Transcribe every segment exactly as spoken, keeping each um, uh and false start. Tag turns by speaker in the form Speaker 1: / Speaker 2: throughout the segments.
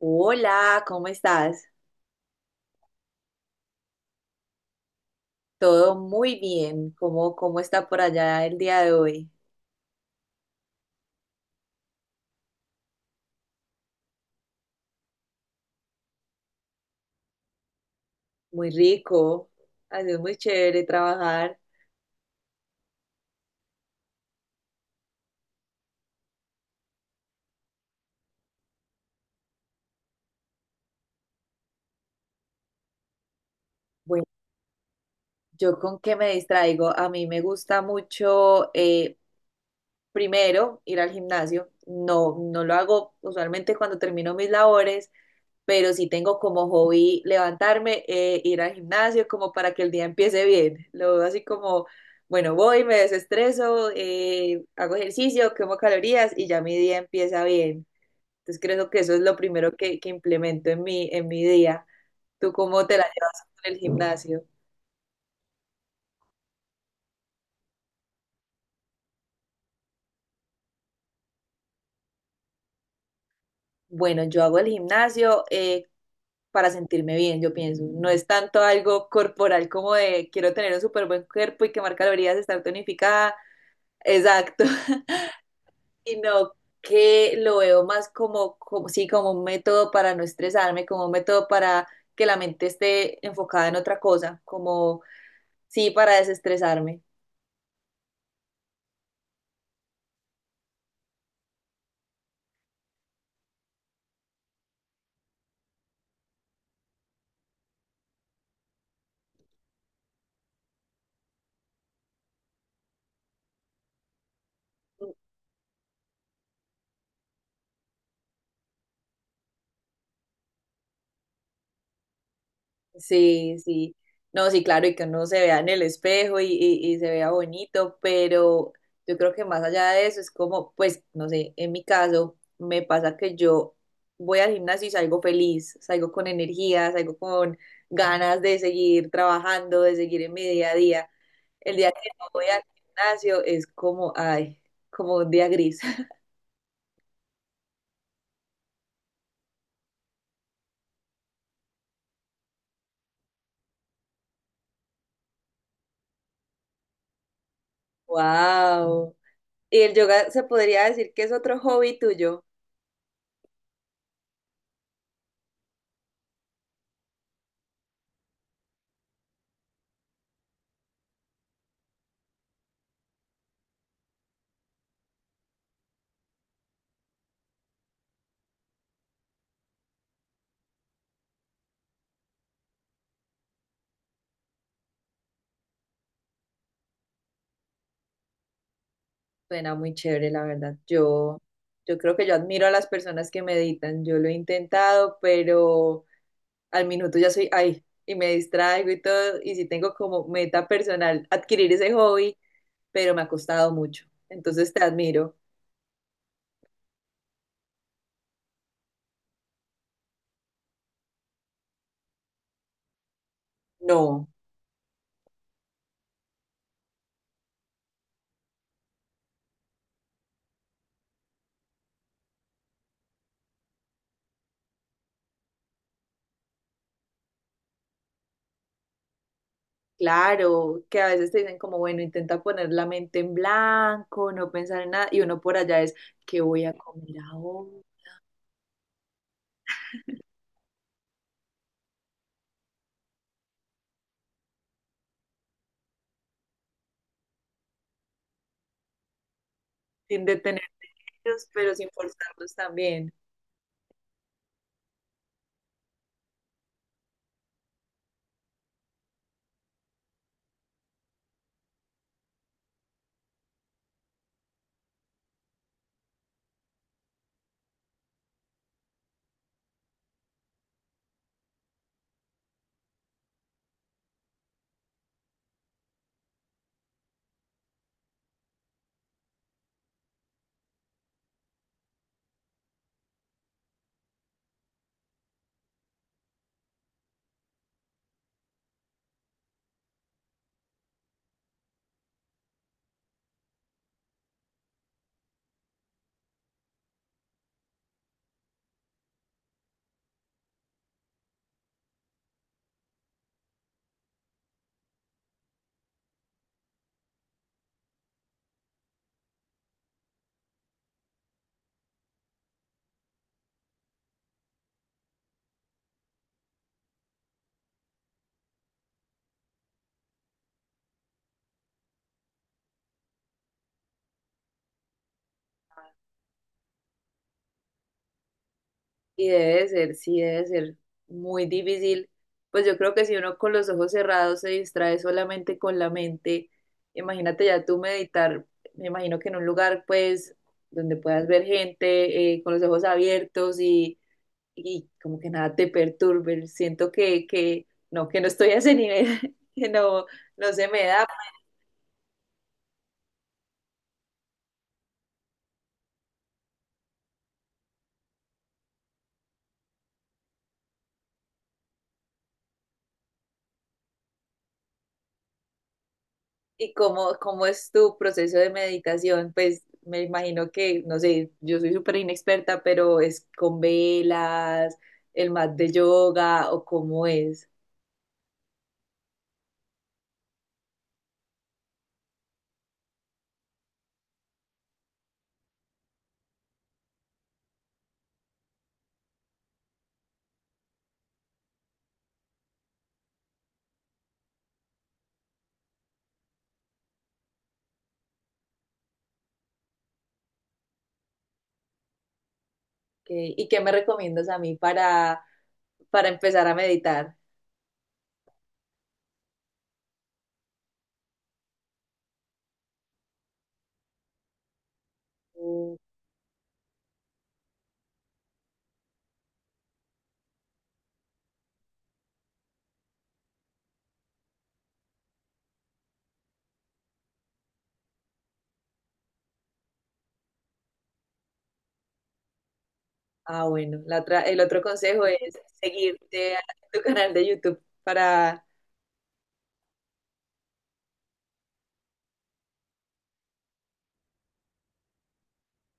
Speaker 1: Hola, ¿cómo estás? Todo muy bien. ¿Cómo, cómo está por allá el día de hoy? Muy rico. Ha sido muy chévere trabajar. Bueno, ¿yo con qué me distraigo? A mí me gusta mucho eh, primero ir al gimnasio. No, no lo hago usualmente cuando termino mis labores, pero sí tengo como hobby levantarme, eh, ir al gimnasio como para que el día empiece bien. Lo veo así como, bueno, voy, me desestreso, eh, hago ejercicio, quemo calorías y ya mi día empieza bien. Entonces creo que eso es lo primero que, que implemento en mi, en mi día. ¿Tú cómo te la llevas con el gimnasio? Bueno, yo hago el gimnasio eh, para sentirme bien, yo pienso. No es tanto algo corporal como de quiero tener un súper buen cuerpo y quemar calorías, estar tonificada, exacto, sino que lo veo más como, como, sí, como un método para no estresarme, como un método para que la mente esté enfocada en otra cosa, como, sí, para desestresarme. Sí, sí. No, sí, claro, y que uno se vea en el espejo y, y- y se vea bonito, pero yo creo que más allá de eso es como, pues, no sé, en mi caso me pasa que yo voy al gimnasio y salgo feliz, salgo con energía, salgo con ganas de seguir trabajando, de seguir en mi día a día. El día que no voy al gimnasio es como, ay, como un día gris. Wow. ¿Y el yoga se podría decir que es otro hobby tuyo? Suena muy chévere, la verdad. Yo, yo creo que yo admiro a las personas que meditan. Yo lo he intentado, pero al minuto ya soy ahí y me distraigo y todo. Y sí tengo como meta personal adquirir ese hobby, pero me ha costado mucho. Entonces te admiro. No, claro, que a veces te dicen como, bueno, intenta poner la mente en blanco, no pensar en nada. Y uno por allá es, ¿qué voy a comer ahora? Sin detenerte, en ellos, pero sin forzarlos también. Y debe ser, sí, debe ser muy difícil. Pues yo creo que si uno con los ojos cerrados se distrae solamente con la mente, imagínate ya tú meditar, me imagino que en un lugar pues donde puedas ver gente eh, con los ojos abiertos y, y como que nada te perturbe. Siento que, que no, que no estoy a ese nivel, que no, no se me da. ¿Y cómo, cómo es tu proceso de meditación? Pues me imagino que, no sé, yo soy súper inexperta, pero es con velas, el mat de yoga o cómo es. ¿Qué- ¿Y qué me recomiendas a mí para, para empezar a meditar? Mm. Ah, bueno, la otra, el otro consejo es seguirte a tu canal de YouTube para...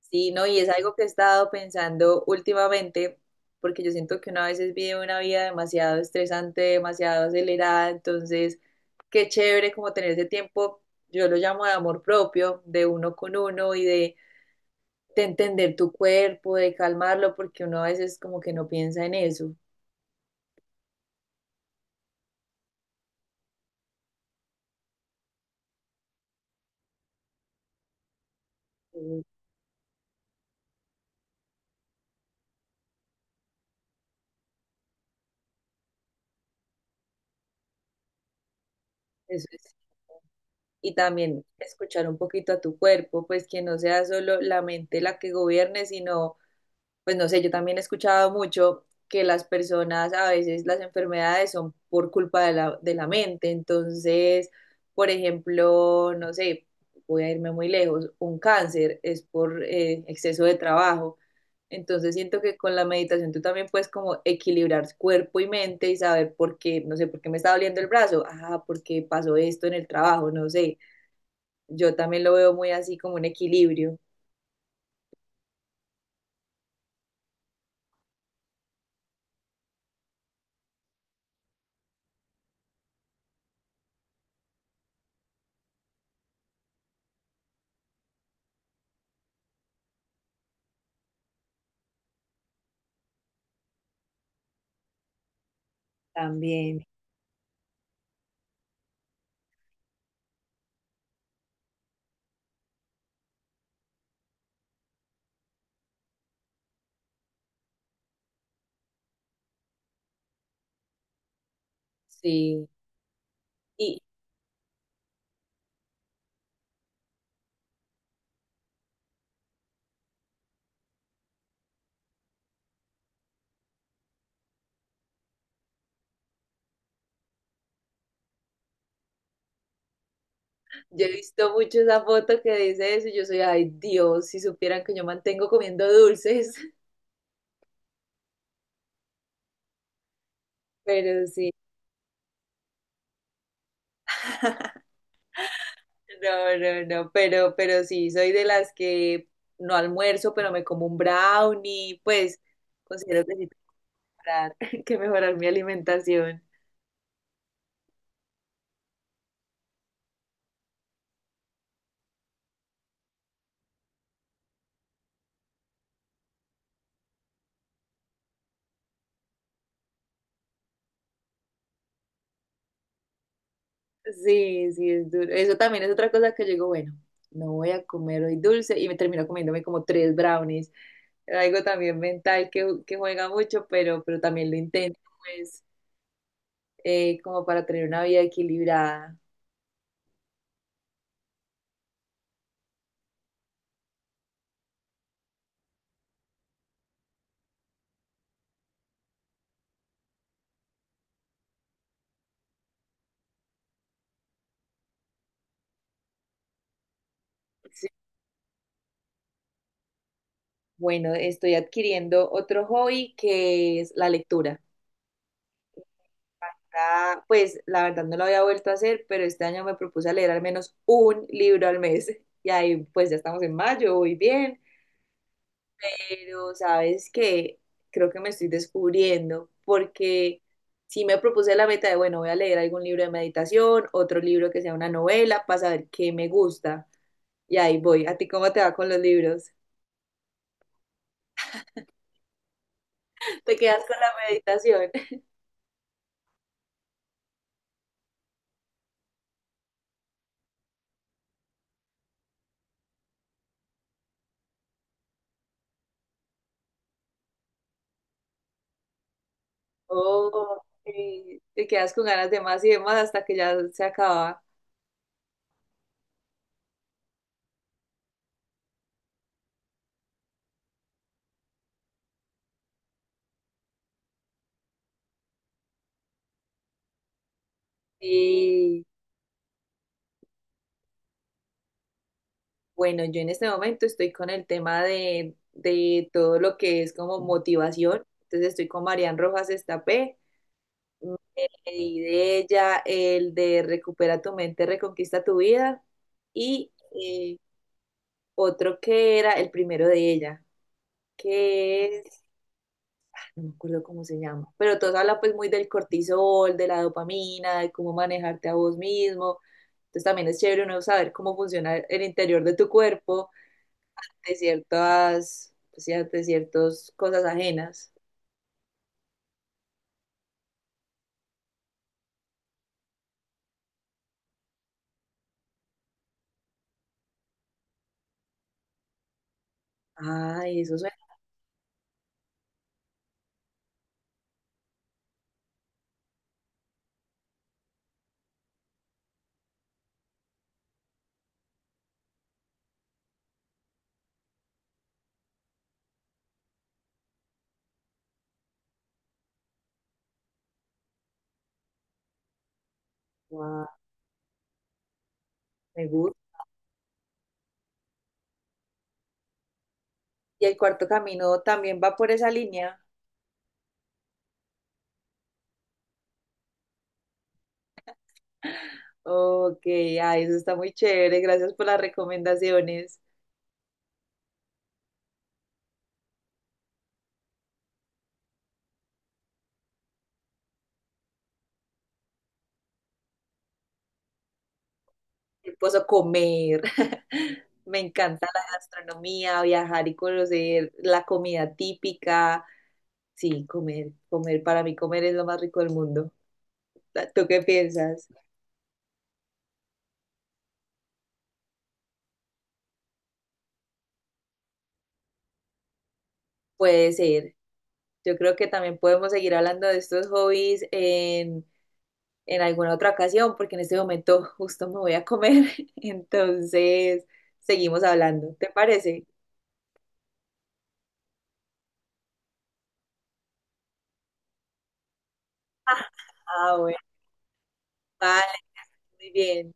Speaker 1: Sí, no, y es algo que he estado pensando últimamente, porque yo siento que uno a veces vive una vida demasiado estresante, demasiado acelerada, entonces qué chévere como tener ese tiempo, yo lo llamo de amor propio, de uno con uno y de, de entender tu cuerpo, de calmarlo, porque uno a veces como que no piensa en eso. Mm. Eso es. Y también escuchar un poquito a tu cuerpo, pues que no sea solo la mente la que gobierne, sino pues no sé, yo también he escuchado mucho que las personas a veces las enfermedades son por culpa de la, de la mente. Entonces, por ejemplo, no sé, voy a irme muy lejos, un cáncer es por eh, exceso de trabajo. Entonces siento que con la meditación tú también puedes como equilibrar cuerpo y mente y saber por qué, no sé, por qué me está doliendo el brazo. Ah, porque pasó esto en el trabajo, no sé. Yo también lo veo muy así como un equilibrio. También. Sí. Y... Yo he visto mucho esa foto que dice eso y yo soy, ay Dios, si supieran que yo mantengo comiendo dulces. Pero sí, no, no, no, pero, pero sí, soy de las que no almuerzo, pero me como un brownie, pues considero que sí tengo que mejorar, que mejorar mi alimentación. Sí, sí, es duro. Eso también es otra cosa que yo digo, bueno, no voy a comer hoy dulce y me termino comiéndome como tres brownies. Algo también mental que, que juega mucho, pero, pero también lo intento, pues. eh, como para tener una vida equilibrada. Sí. Bueno, estoy adquiriendo otro hobby que es la lectura. Ah, pues la verdad no lo había vuelto a hacer, pero este año me propuse a leer al menos un libro al mes. Y ahí pues ya estamos en mayo, voy bien. Pero sabes que creo que me estoy descubriendo porque sí me propuse la meta de, bueno, voy a leer algún libro de meditación, otro libro que sea una novela para saber qué me gusta. Y ahí voy. ¿A ti cómo te va con los libros? Te quedas con la meditación. Oh, sí, te quedas con ganas de más y de más hasta que ya se acaba. Y bueno, yo en este momento estoy con el tema de, de todo lo que es como motivación. Entonces estoy con Marian Rojas Estapé. Me leí de ella el de Recupera tu mente, reconquista tu vida. Y eh, otro que era el primero de ella, que es... no me acuerdo cómo se llama, pero todos hablan pues muy del cortisol, de la dopamina, de cómo manejarte a vos mismo. Entonces también es chévere uno saber cómo funciona el interior de tu cuerpo, de ciertas, pues, ya, de ciertas cosas ajenas. Ay, eso suena, guau, me gusta. Y el cuarto camino también va por esa línea. Ok, ay, eso está muy chévere. Gracias por las recomendaciones. Esposo comer. Me encanta la gastronomía, viajar y conocer la comida típica. Sí, comer, comer, para mí comer es lo más rico del mundo. ¿Tú qué piensas? Puede ser. Yo creo que también podemos seguir hablando de estos hobbies en, en alguna otra ocasión, porque en este momento justo me voy a comer. Entonces, seguimos hablando. ¿Te parece? Ah, bueno, vale, muy bien.